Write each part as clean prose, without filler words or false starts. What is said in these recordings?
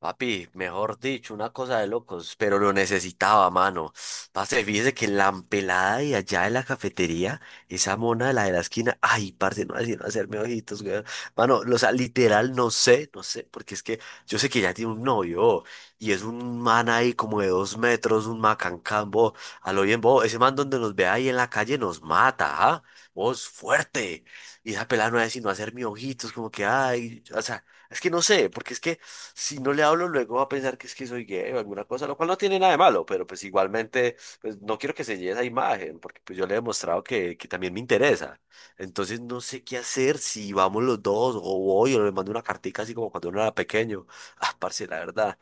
Papi, mejor dicho, una cosa de locos, pero lo necesitaba, mano. Parce, fíjese que la empelada de allá de la cafetería, esa mona de la esquina, ay, parce, no así no hacerme ojitos, güey. Mano, o sea, literal, no sé, porque es que yo sé que ya tiene un novio y es un man ahí como de dos metros, un macancambo, a lo bien, vos, ese man donde nos ve ahí en la calle nos mata, ¿ah? Vos, fuerte. Y esa pelada no es sino hacerme ojitos, como que, ay, o sea, es que no sé, porque es que si no le hablo luego va a pensar que es que soy gay o alguna cosa, lo cual no tiene nada de malo, pero pues igualmente pues, no quiero que se lleve esa imagen, porque pues yo le he demostrado que también me interesa. Entonces no sé qué hacer, si vamos los dos o voy o le mando una cartica así como cuando uno era pequeño. Ah, parce, la verdad,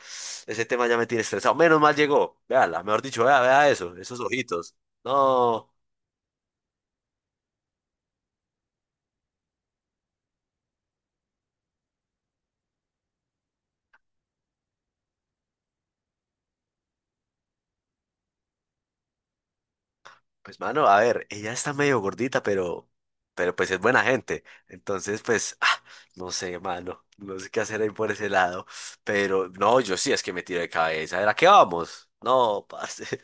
ese tema ya me tiene estresado. Menos mal llegó, véala, mejor dicho, vea, eso, esos ojitos. No. Pues mano, a ver, ella está medio gordita, pero pues es buena gente. Entonces, pues, no sé, mano, no sé qué hacer ahí por ese lado. Pero no, yo sí es que me tiro de cabeza. ¿Era qué vamos? No, parce.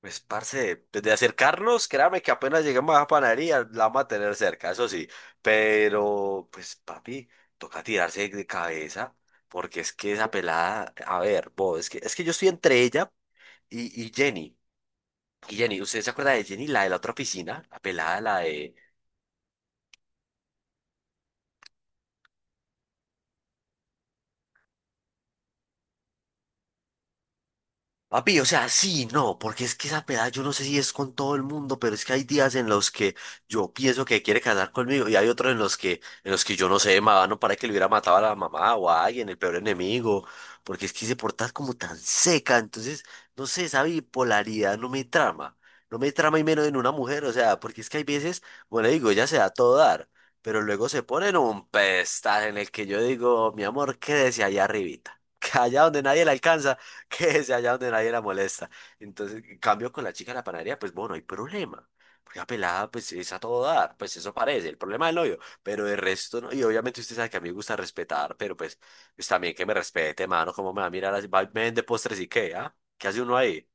Pues, parce, desde acercarnos, créame que apenas lleguemos a la panadería, la vamos a tener cerca, eso sí. Pero, pues, papi, toca tirarse de cabeza, porque es que esa pelada, a ver, vos, es que yo estoy entre ella y Jenny. Y Jenny, ¿usted se acuerda de Jenny, la de la otra oficina? La pelada, la de. Papi, o sea, sí, no, porque es que esa peda, yo no sé si es con todo el mundo, pero es que hay días en los que yo pienso que quiere casar conmigo y hay otros en los que yo no sé, no para que le hubiera matado a la mamá o a alguien, el peor enemigo, porque es que se porta como tan seca, entonces, no sé, esa bipolaridad no me trama, no me trama y menos en una mujer, o sea, porque es que hay veces, bueno, digo, ella se da a todo dar, pero luego se pone en un pedestal en el que yo digo, mi amor, quédese allá arribita, que allá donde nadie la alcanza. Que es allá donde nadie la molesta. Entonces, en cambio con la chica de la panadería, pues bueno, no hay problema. Porque la pelada, pues es a todo dar, pues eso parece, el problema del novio, pero el resto no. Y obviamente usted sabe que a mí me gusta respetar, pero pues, pues también que me respete, mano, cómo me va a mirar así, va, me vende postres y qué, ¿ah? ¿Qué hace uno ahí?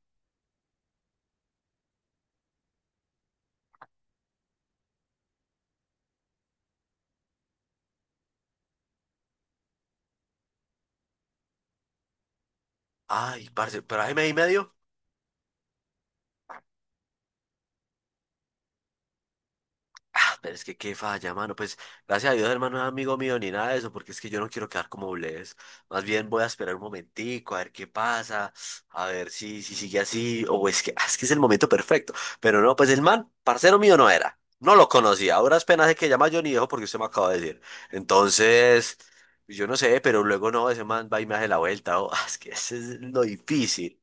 Ay, parce, pero ahí me di medio. Ah, pero es que qué falla, mano. Pues gracias a Dios, hermano, no es amigo mío ni nada de eso, porque es que yo no quiero quedar como Bless. Más bien voy a esperar un momentico, a ver qué pasa, a ver si sigue así, o es que, ah, es que es el momento perfecto. Pero no, pues el man, parcero mío no era. No lo conocía. Ahora es pena de que llama Johnny Viejo porque usted me acaba de decir. Entonces, yo no sé, pero luego no, ese man va y me hace la vuelta. Es que ese es lo difícil.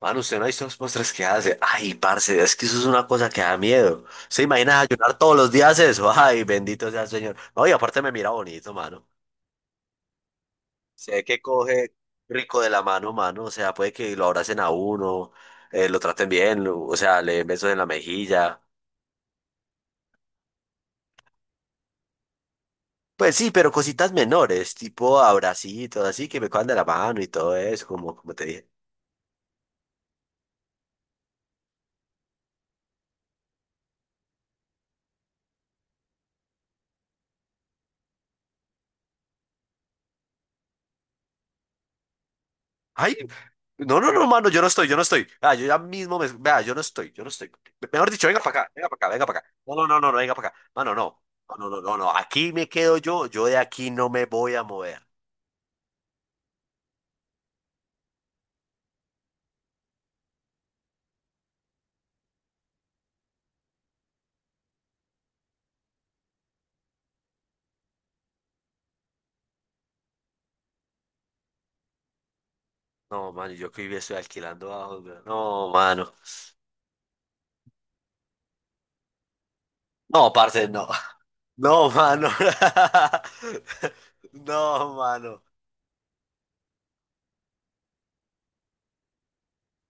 Mano, usted no ha visto los postres que hace. Ay, parce, es que eso es una cosa que da miedo. ¿Se imagina ayunar todos los días eso? Ay, bendito sea el Señor. No, y aparte me mira bonito, mano. Sé que coge rico de la mano, mano. O sea, puede que lo abracen a uno, lo traten bien, o sea, le den besos en la mejilla. Pues sí, pero cositas menores, tipo abracitos, así que me cojan de la mano y todo eso, como, como te dije. Ay, no, no, no, mano, yo no estoy. Ah, yo ya mismo me. Vea, yo no estoy. Mejor dicho, venga para acá, venga para acá, venga para acá. No, no, no, no, no, venga para acá. Mano, no. No, no, no, no, no. Aquí me quedo yo, yo de aquí no me voy a mover. No, mano, yo que vivía estoy alquilando abajo, hombre. No, mano. No, parce, no. No, mano. No, mano.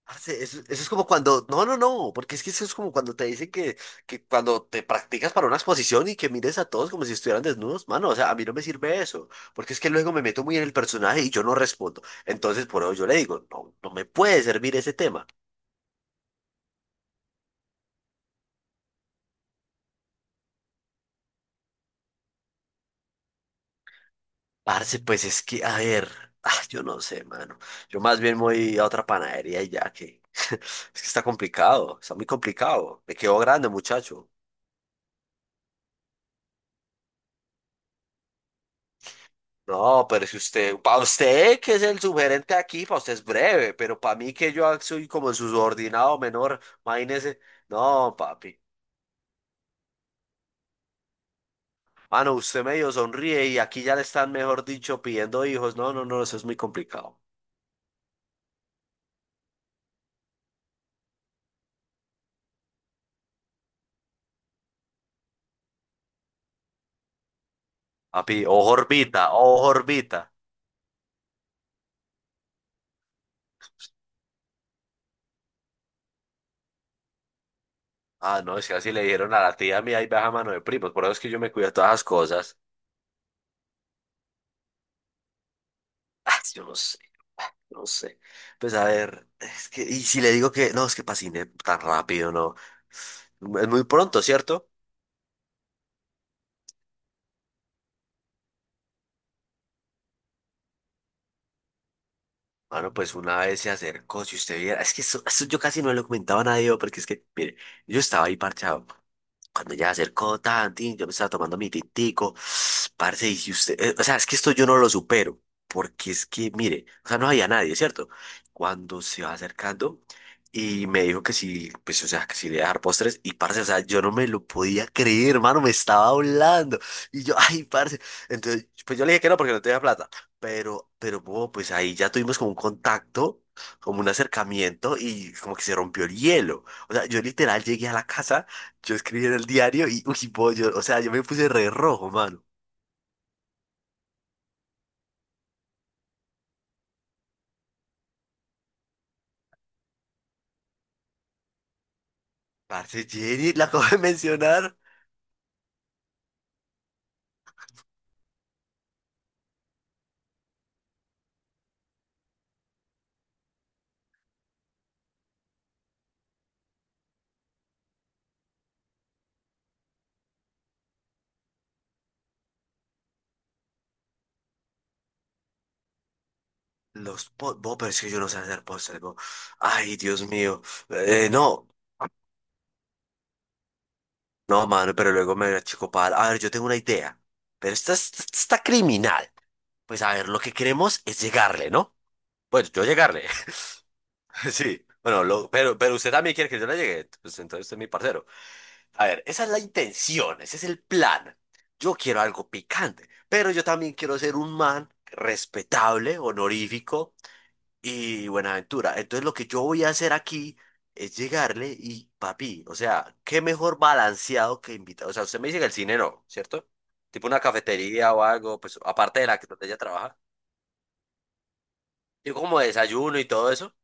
Parce, eso es como cuando, no, no, no, porque es que eso es como cuando te dicen que cuando te practicas para una exposición y que mires a todos como si estuvieran desnudos, mano, o sea, a mí no me sirve eso, porque es que luego me meto muy en el personaje y yo no respondo. Entonces, por eso yo le digo, no, no me puede servir ese tema. Parce, pues es que, a ver, yo no sé, mano, yo más bien voy a otra panadería y ya que, es que está complicado, está muy complicado, me quedó grande, muchacho. No, pero si usted, para usted que es el subgerente aquí, para usted es breve, pero para mí que yo soy como el subordinado menor, imagínese, no, papi, mano, usted medio sonríe y aquí ya le están, mejor dicho, pidiendo hijos, no, no, no, eso es muy complicado, papi, ojo orbita, ah, no, es que así le dijeron a la tía mía y baja mano de primos, por eso es que yo me cuido de todas las cosas. Ah, yo no sé, ah, no sé. Pues a ver, es que, y si le digo que, no, es que pasine tan rápido, no. Es muy pronto, ¿cierto? Bueno, pues una vez se acercó, si usted viera, es que eso yo casi no le comentaba a nadie, porque es que, mire, yo estaba ahí parchado. Cuando ya se acercó, tan, tin, yo me estaba tomando mi tintico, parce, y si usted, o sea, es que esto yo no lo supero, porque es que, mire, o sea, no había nadie, ¿cierto? Cuando se va acercando y me dijo que sí, pues, o sea, que sí le iba a dar postres, y parce, o sea, yo no me lo podía creer, hermano, me estaba hablando, y yo, ay, parce, entonces, pues yo le dije que no, porque no tenía plata, bo, pues ahí ya tuvimos como un contacto, como un acercamiento, y como que se rompió el hielo, o sea, yo literal llegué a la casa, yo escribí en el diario y, uy, pollo, o sea, yo me puse re rojo, mano. Parce, Jenny, la acabo de mencionar. Los postres, pero es que yo no sé hacer postres, bo. Ay, Dios mío. No, no, mano, pero luego me achicopal. A ver, yo tengo una idea, pero esta está criminal. Pues a ver, lo que queremos es llegarle, ¿no? Bueno, yo llegarle, sí. Bueno, pero, usted también quiere que yo le llegue, pues entonces usted es mi parcero. A ver, esa es la intención, ese es el plan. Yo quiero algo picante, pero yo también quiero ser un man respetable, honorífico y buena aventura. Entonces lo que yo voy a hacer aquí es llegarle y papi, o sea, qué mejor balanceado que invitado. O sea, usted me dice que el cine no, ¿cierto? Tipo una cafetería o algo, pues aparte de la que donde ella trabaja. Yo como desayuno y todo eso.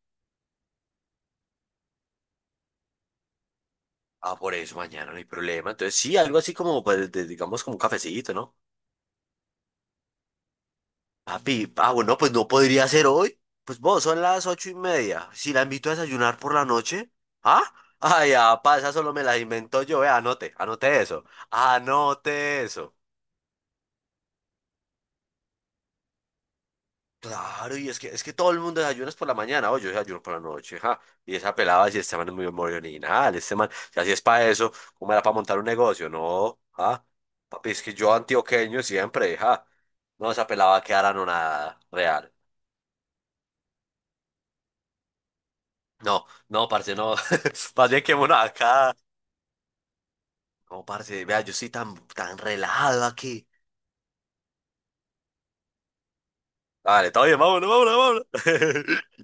Ah, por eso mañana no hay problema. Entonces sí, algo así como, pues, digamos, como un cafecito, ¿no? Papi, ah, bueno, pues no podría ser hoy. Pues vos, son las 8 y media. Si la invito a desayunar por la noche, ¿ah? Ay, ah, pa, esa solo me la invento yo, anote, anote eso. Claro, y es que todo el mundo desayuna es por la mañana, oye, yo desayuno por la noche, ja. Y esa pelada, si este man es muy original, este man, si así es para eso, ¿cómo era para montar un negocio? No, ah, papi, es que yo antioqueño siempre, ja. No, esa pelada va a quedar anonadada, real. No, no, parce, no. Más bien que uno acá. No, parce, vea, yo estoy tan relajado aquí. Vale, todo bien, vámonos.